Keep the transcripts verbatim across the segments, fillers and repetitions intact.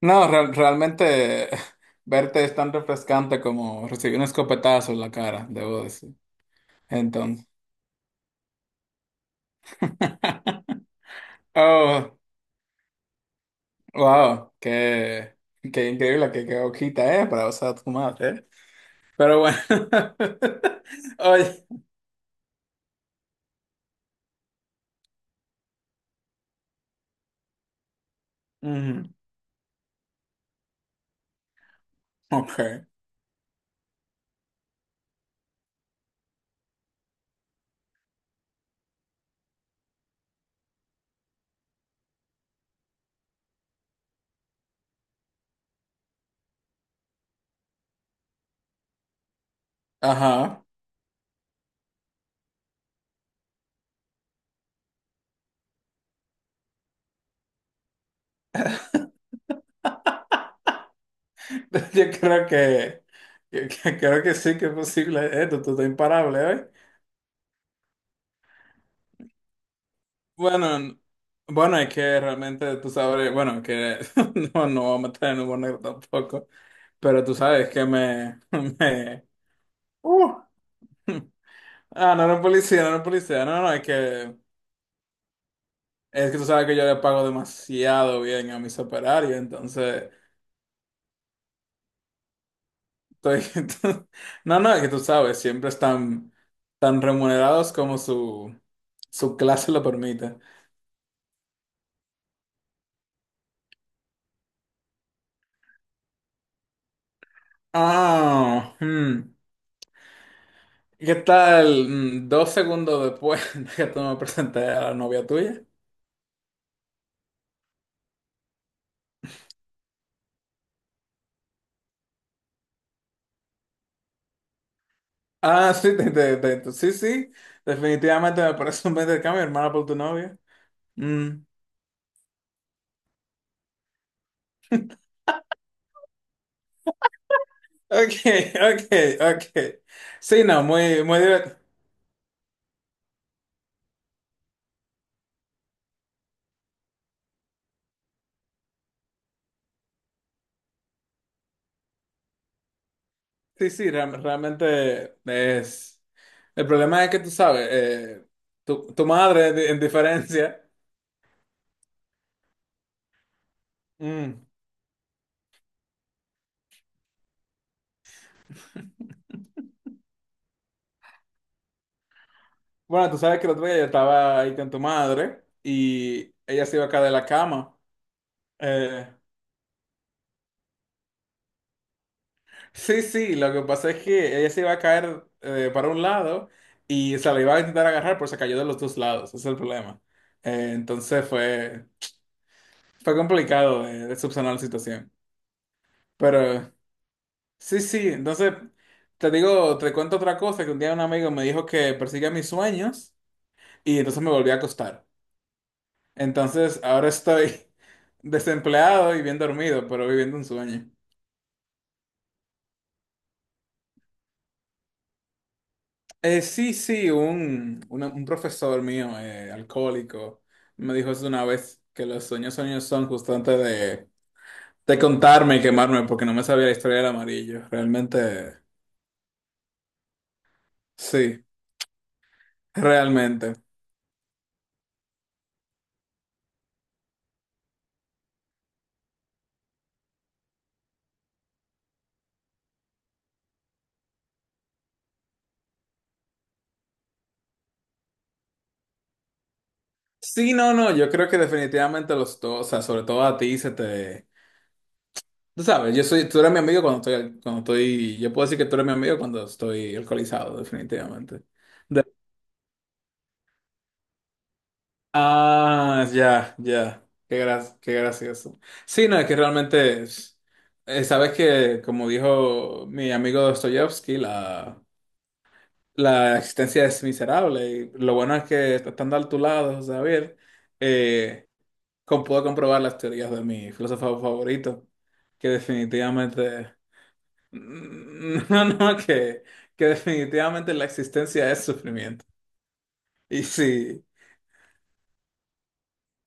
No, real- realmente verte es tan refrescante como recibir un escopetazo en la cara, debo decir. Entonces, oh, wow, qué, qué increíble, qué, qué hojita, eh, para usar tu madre, eh. Pero bueno, oye, ujú, ok, ajá, yo creo que, que- que creo que sí que es posible, eh, tú, tú estás imparable hoy. Bueno, n- bueno, es que realmente tú sabes, bueno, que no, no vamos a meter en humor negro tampoco. Pero tú sabes que me, me- uh. Ah, no era un policía, no era un policía. No, no, no, es que, es que tú sabes que yo le pago demasiado bien a mis operarios, entonces estoy. No, no, es que tú sabes, siempre están tan remunerados como su, su clase lo permite. Ah, hmm. ¿Qué tal? mm, Dos segundos después de que tú me presenté a la novia tuya. Ah, sí, te- te- te- sí, sí. Definitivamente me parece un buen intercambio, hermana por tu novia. Mm, ok, ok, ok. Sí, no, muy, muy divertido. Sí, sí, real- realmente es... El problema es que tú sabes, eh, tu, tu madre, de- en diferencia... mm. Bueno, tú sabes que el otro día yo estaba ahí con tu madre y ella se iba a caer de la cama. Eh, sí, sí, lo que pasa es que ella se iba a caer eh, para un lado y se la iba a intentar agarrar, pero se cayó de los dos lados. Ese es el problema. Eh, entonces fue... Fue complicado eh, de, subsanar la situación. Pero sí, sí, entonces te digo, te cuento otra cosa, que un día un amigo me dijo que persiga mis sueños y entonces me volví a acostar. Entonces ahora estoy desempleado y bien dormido, pero viviendo un sueño. Eh, sí, sí, un, una- un profesor mío, eh, alcohólico, me dijo eso una vez, que los sueños sueños son justo antes de, de contarme y quemarme porque no me sabía la historia del amarillo. Realmente, sí, realmente. Sí, no, no, yo creo que definitivamente los dos, o sea, sobre todo a ti se te... Tú sabes, yo soy, tú eres mi amigo cuando estoy, cuando estoy, yo puedo decir que tú eres mi amigo cuando estoy alcoholizado, definitivamente. De- Ah, ya, ya, qué gra- qué gracioso. Sí, no, es que realmente, es- eh, sabes que, como dijo mi amigo Dostoyevsky, la, la existencia es miserable y lo bueno es que estando a tu lado, Javier, eh, com- puedo comprobar las teorías de mi filósofo favorito, que definitivamente, no, no, que, que definitivamente la existencia es sufrimiento. Y sí,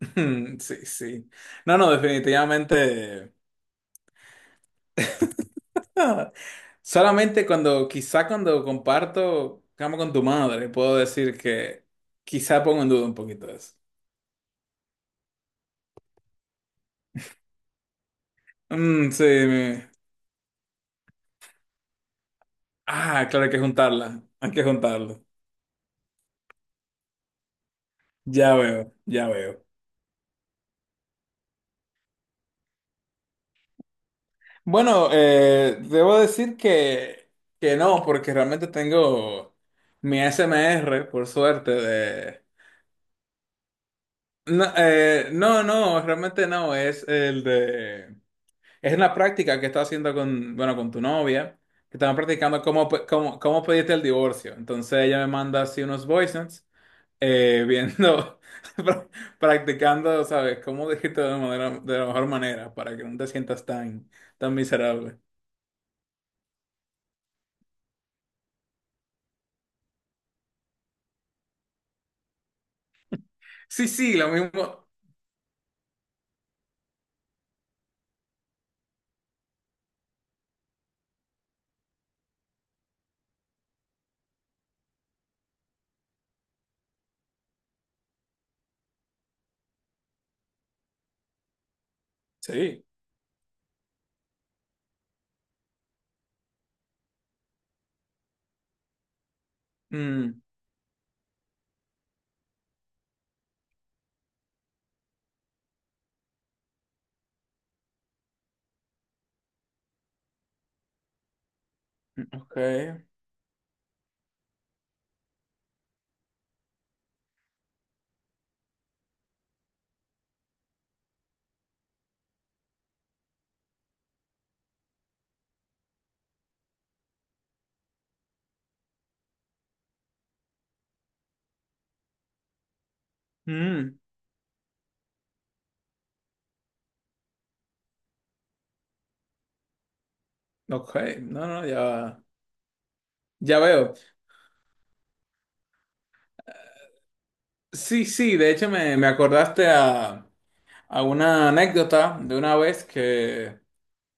sí, sí. No, no, definitivamente. Ah, solamente cuando, quizá cuando comparto cama con tu madre, puedo decir que quizá pongo en duda un poquito eso. Mm, sí, mi- ah, claro, hay que juntarla, hay que juntarlo. Ya veo, ya veo. Bueno, eh, debo decir que, que no, porque realmente tengo mi S M R por suerte, de... No, eh, no, no, realmente no, es el de... Es la práctica que estaba haciendo con, bueno, con tu novia, que estaban practicando cómo, pe- cómo, cómo pedirte el divorcio. Entonces ella me manda así unos voice notes, eh, viendo, pra- practicando, ¿sabes? Cómo decirte de, manera, de la mejor manera para que no te sientas tan, tan miserable. Sí, sí, lo mismo. Sí. Mm, ok. Mm, ok. No, no, ya, ya veo. Sí, sí, de hecho me, me acordaste a, a una anécdota de una vez que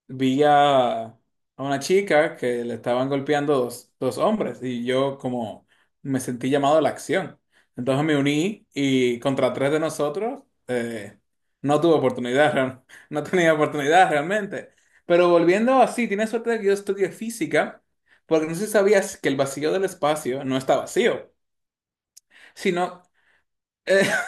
vi a, a una chica que le estaban golpeando dos, dos hombres y yo como me sentí llamado a la acción. Entonces me uní y contra tres de nosotros eh, no tuve oportunidad, real- no tenía oportunidad realmente. Pero volviendo así, tienes suerte de que yo estudié física, porque no sé si sabías que el vacío del espacio no está vacío, sino...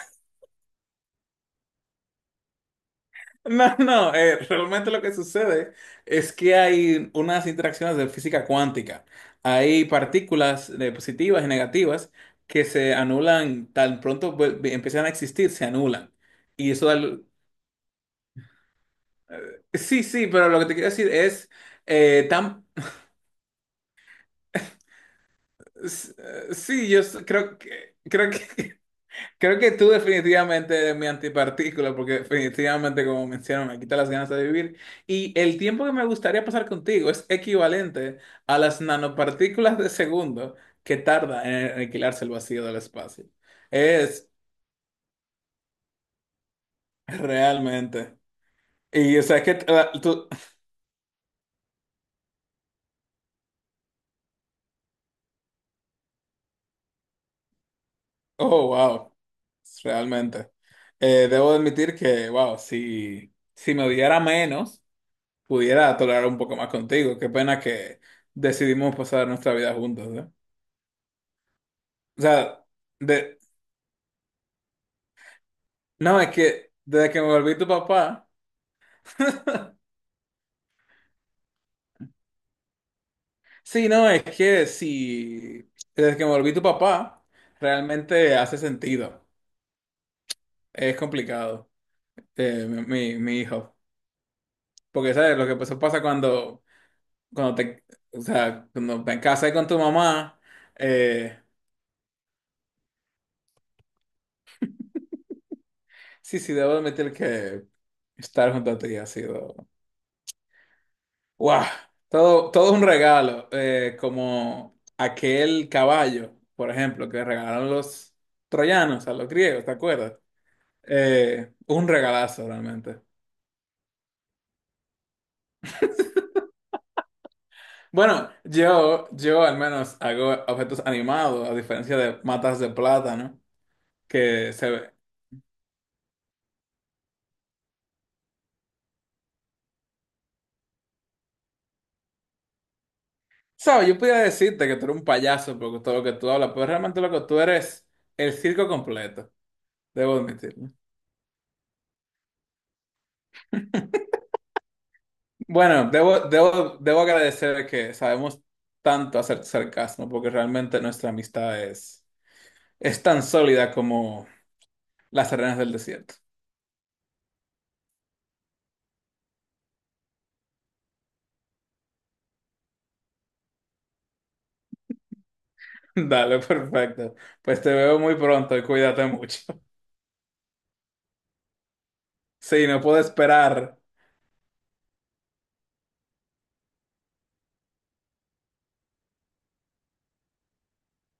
No, no, eh, realmente lo que sucede es que hay unas interacciones de física cuántica. Hay partículas eh, positivas y negativas que se anulan tan pronto vuel- empiezan a existir, se anulan. Y eso da... lu- eh, sí, sí, pero lo que te quiero decir es eh, tan... s- eh, sí, yo s- creo que... Creo que creo que tú definitivamente eres mi antipartícula, porque definitivamente, como menciono, me quita las ganas de vivir. Y el tiempo que me gustaría pasar contigo es equivalente a las nanopartículas de segundo que tarda en aniquilarse el vacío del espacio. Es realmente. Y o sea, es que eh, tú. Oh, wow. Realmente. Eh, debo admitir que, wow, si, si me odiara menos, pudiera tolerar un poco más contigo. Qué pena que decidimos pasar nuestra vida juntos, ¿eh? O sea, de, no, es que desde que me volví tu papá, sí, no, es que sí, desde que me volví tu papá, realmente hace sentido. Es complicado, eh, mi, mi, mi hijo. Porque, ¿sabes? Lo que pasó pasa cuando, cuando te, o sea, cuando te casas con tu mamá, eh, sí, sí, debo admitir que estar junto a ti ha sido wow, todo, todo un regalo, eh, como aquel caballo, por ejemplo, que regalaron los troyanos a los griegos, ¿te acuerdas? Eh, un regalazo realmente. Bueno, yo, yo al menos hago objetos animados, a diferencia de matas de plátano, que se ve. Sabes, yo podría decirte que tú eres un payaso por todo lo que tú hablas, pero realmente lo que tú eres, el circo completo, debo admitirlo. Bueno, debo, debo, debo agradecer que sabemos tanto hacer sarcasmo, porque realmente nuestra amistad es, es tan sólida como las arenas del desierto. Dale, perfecto. Pues te veo muy pronto y cuídate mucho. Sí, no puedo esperar